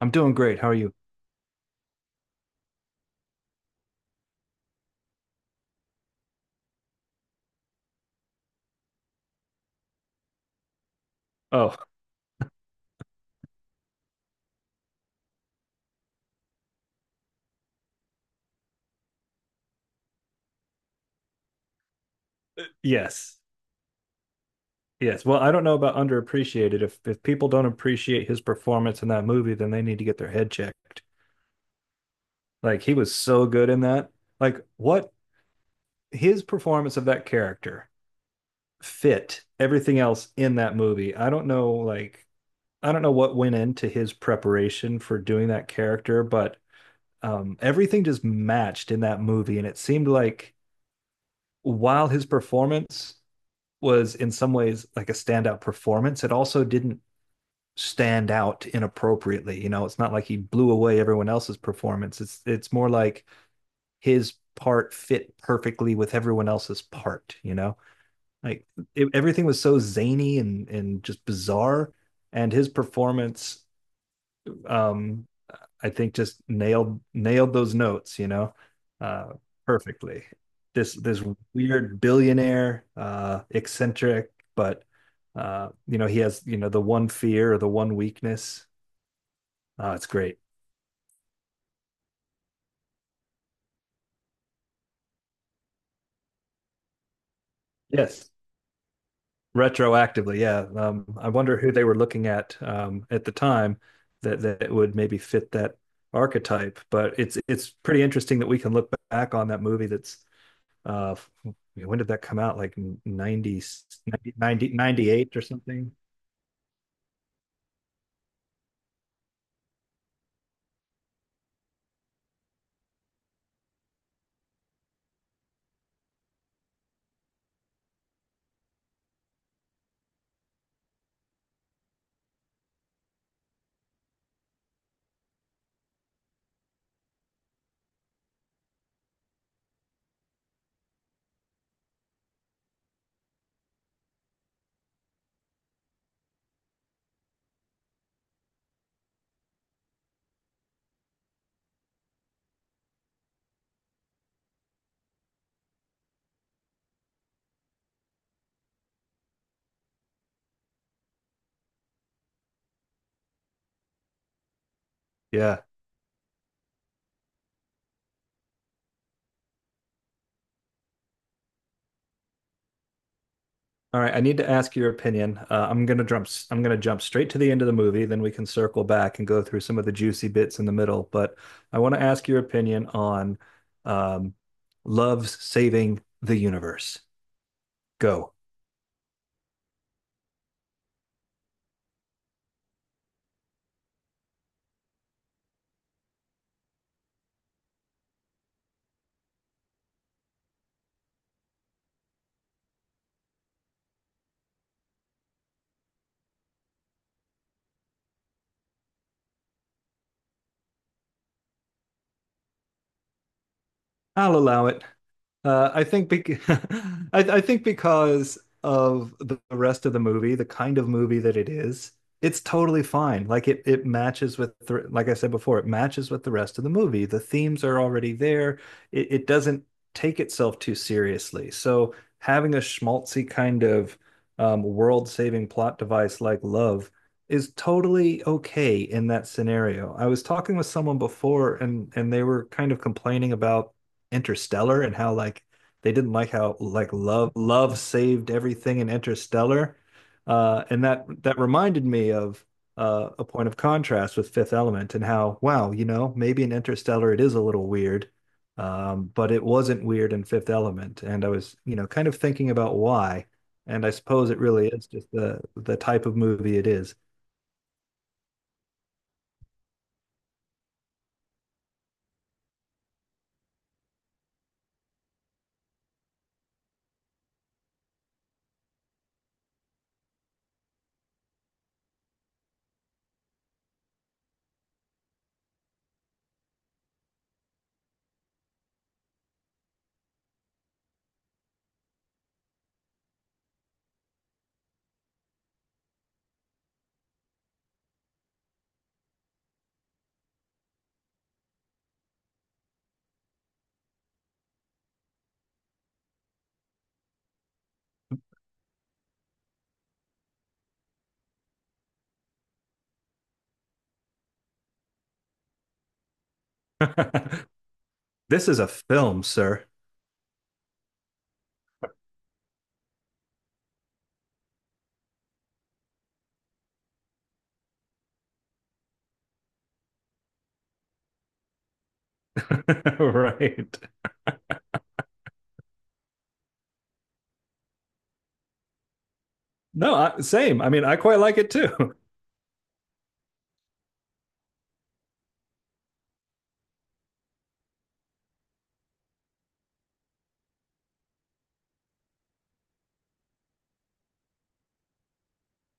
I'm doing great. How are you? Oh, yes. Yes. Well, I don't know about underappreciated. If people don't appreciate his performance in that movie, then they need to get their head checked. Like he was so good in that. Like what his performance of that character fit everything else in that movie. I don't know, like, I don't know what went into his preparation for doing that character, but everything just matched in that movie, and it seemed like while his performance was in some ways like a standout performance. It also didn't stand out inappropriately. It's not like he blew away everyone else's performance. It's more like his part fit perfectly with everyone else's part. Like it, everything was so zany and just bizarre, and his performance um I think just nailed those notes, uh, perfectly. This weird billionaire, eccentric, but he has, the one fear or the one weakness. It's great. Yes, retroactively, yeah. I wonder who they were looking at, at the time that would maybe fit that archetype. But it's pretty interesting that we can look back on that movie that's uh when did that come out, like 90, ninety, 90, 98 or something. Yeah. All right, I need to ask your opinion. I'm gonna jump straight to the end of the movie, then we can circle back and go through some of the juicy bits in the middle, but I want to ask your opinion on um, love's saving the universe. Go. I'll allow it. I think bec I think because of the rest of the movie, the kind of movie that it is, it's totally fine. Like it matches like I said before, it matches with the rest of the movie. The themes are already there. It doesn't take itself too seriously. So having a schmaltzy kind of world-saving plot device like Love is totally okay in that scenario. I was talking with someone before, and they were kind of complaining about Interstellar and how, like, they didn't like how, like, love saved everything in Interstellar. And that reminded me of a point of contrast with Fifth Element, and how, wow, maybe in Interstellar it is a little weird, but it wasn't weird in Fifth Element. And I was, kind of thinking about why. And I suppose it really is just the type of movie it is. This is a film, sir. Right. No, same. I mean, I quite like it too.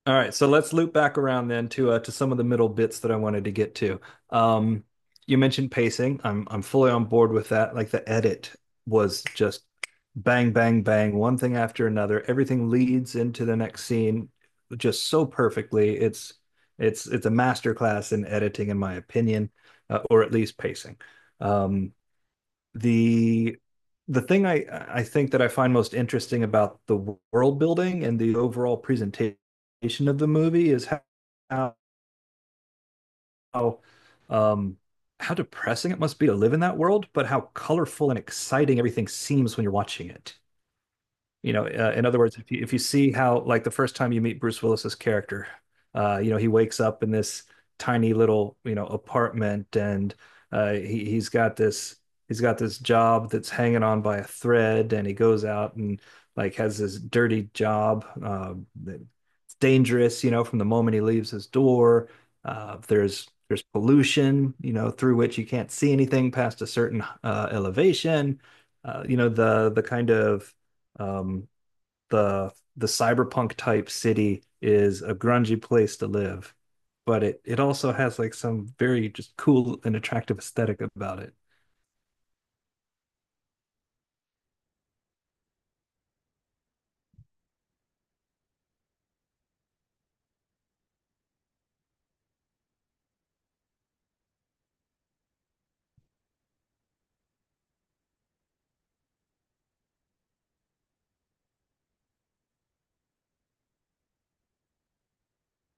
All right, so let's loop back around then to some of the middle bits that I wanted to get to. Um, you mentioned pacing. I'm fully on board with that. Like the edit was just bang, bang, bang, one thing after another. Everything leads into the next scene just so perfectly. It's a masterclass in editing, in my opinion, or at least pacing. Um, the the thing I think that I find most interesting about the world building and the overall presentation of the movie is how, how um how depressing it must be to live in that world, but how colorful and exciting everything seems when you're watching it. In other words, if you see how, like, the first time you meet Bruce Willis's character, he wakes up in this tiny little, apartment, and uh, he he's got this he's got this job that's hanging on by a thread, and he goes out and, like, has this dirty job that's dangerous, from the moment he leaves his door. There's pollution, through which you can't see anything past a certain elevation. You know, the kind of um, the the cyberpunk type city is a grungy place to live, but it also has like some very just cool and attractive aesthetic about it.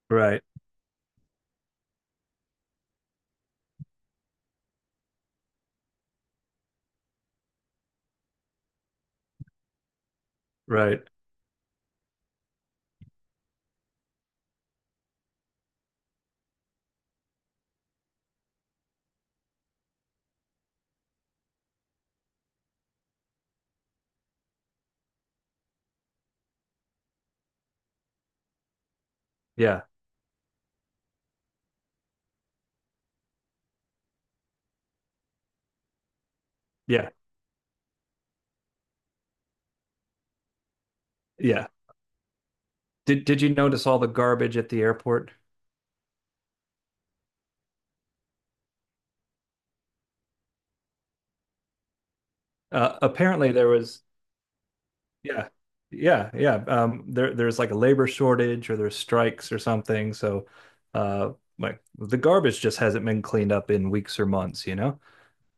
Right, right. Yeah, yeah, yeah. Did you notice all the garbage at the airport? Apparently there was yeah, yeah, yeah. There's like a labor shortage or there's strikes or something. So, uh, like the garbage just hasn't been cleaned up in weeks or months, you know?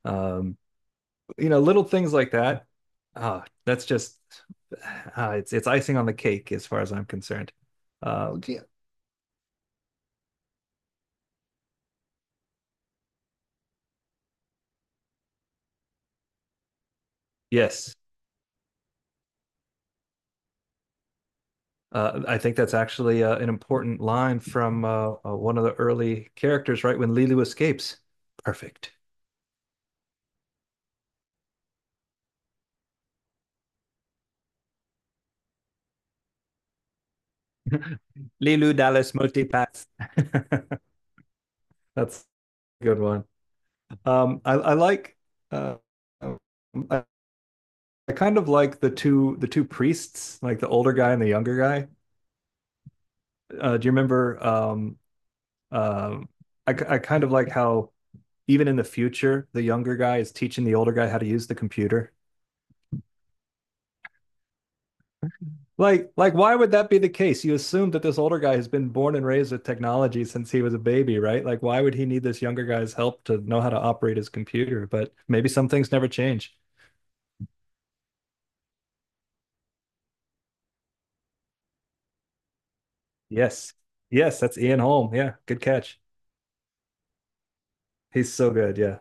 Um, Little things like that. That's just it's icing on the cake as far as I'm concerned. Okay. Yes, I think that's actually an important line from one of the early characters, right when Lilu escapes. Perfect. Lilu Dallas multipass. That's a good one. I like. Uh, um, I, I kind of like the two priests, like the older guy and the younger guy. Do you remember? Um, Um, I I kind of like how even in the future, the younger guy is teaching the older guy how to use the computer. Like, why would that be the case? You assume that this older guy has been born and raised with technology since he was a baby, right? Like, why would he need this younger guy's help to know how to operate his computer? But maybe some things never change. Yes. Yes, that's Ian Holm. Yeah, good catch. He's so good. Yeah.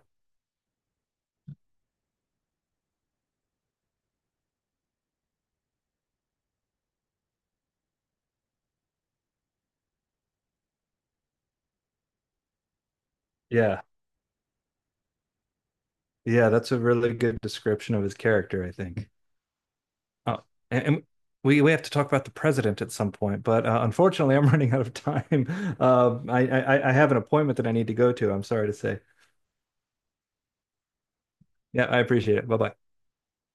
Yeah. Yeah, that's a really good description of his character, I think. Uh, and we have to talk about the president at some point, but unfortunately, I'm running out of time. I have an appointment that I need to go to. I'm sorry to say. Yeah, I appreciate it. Bye bye.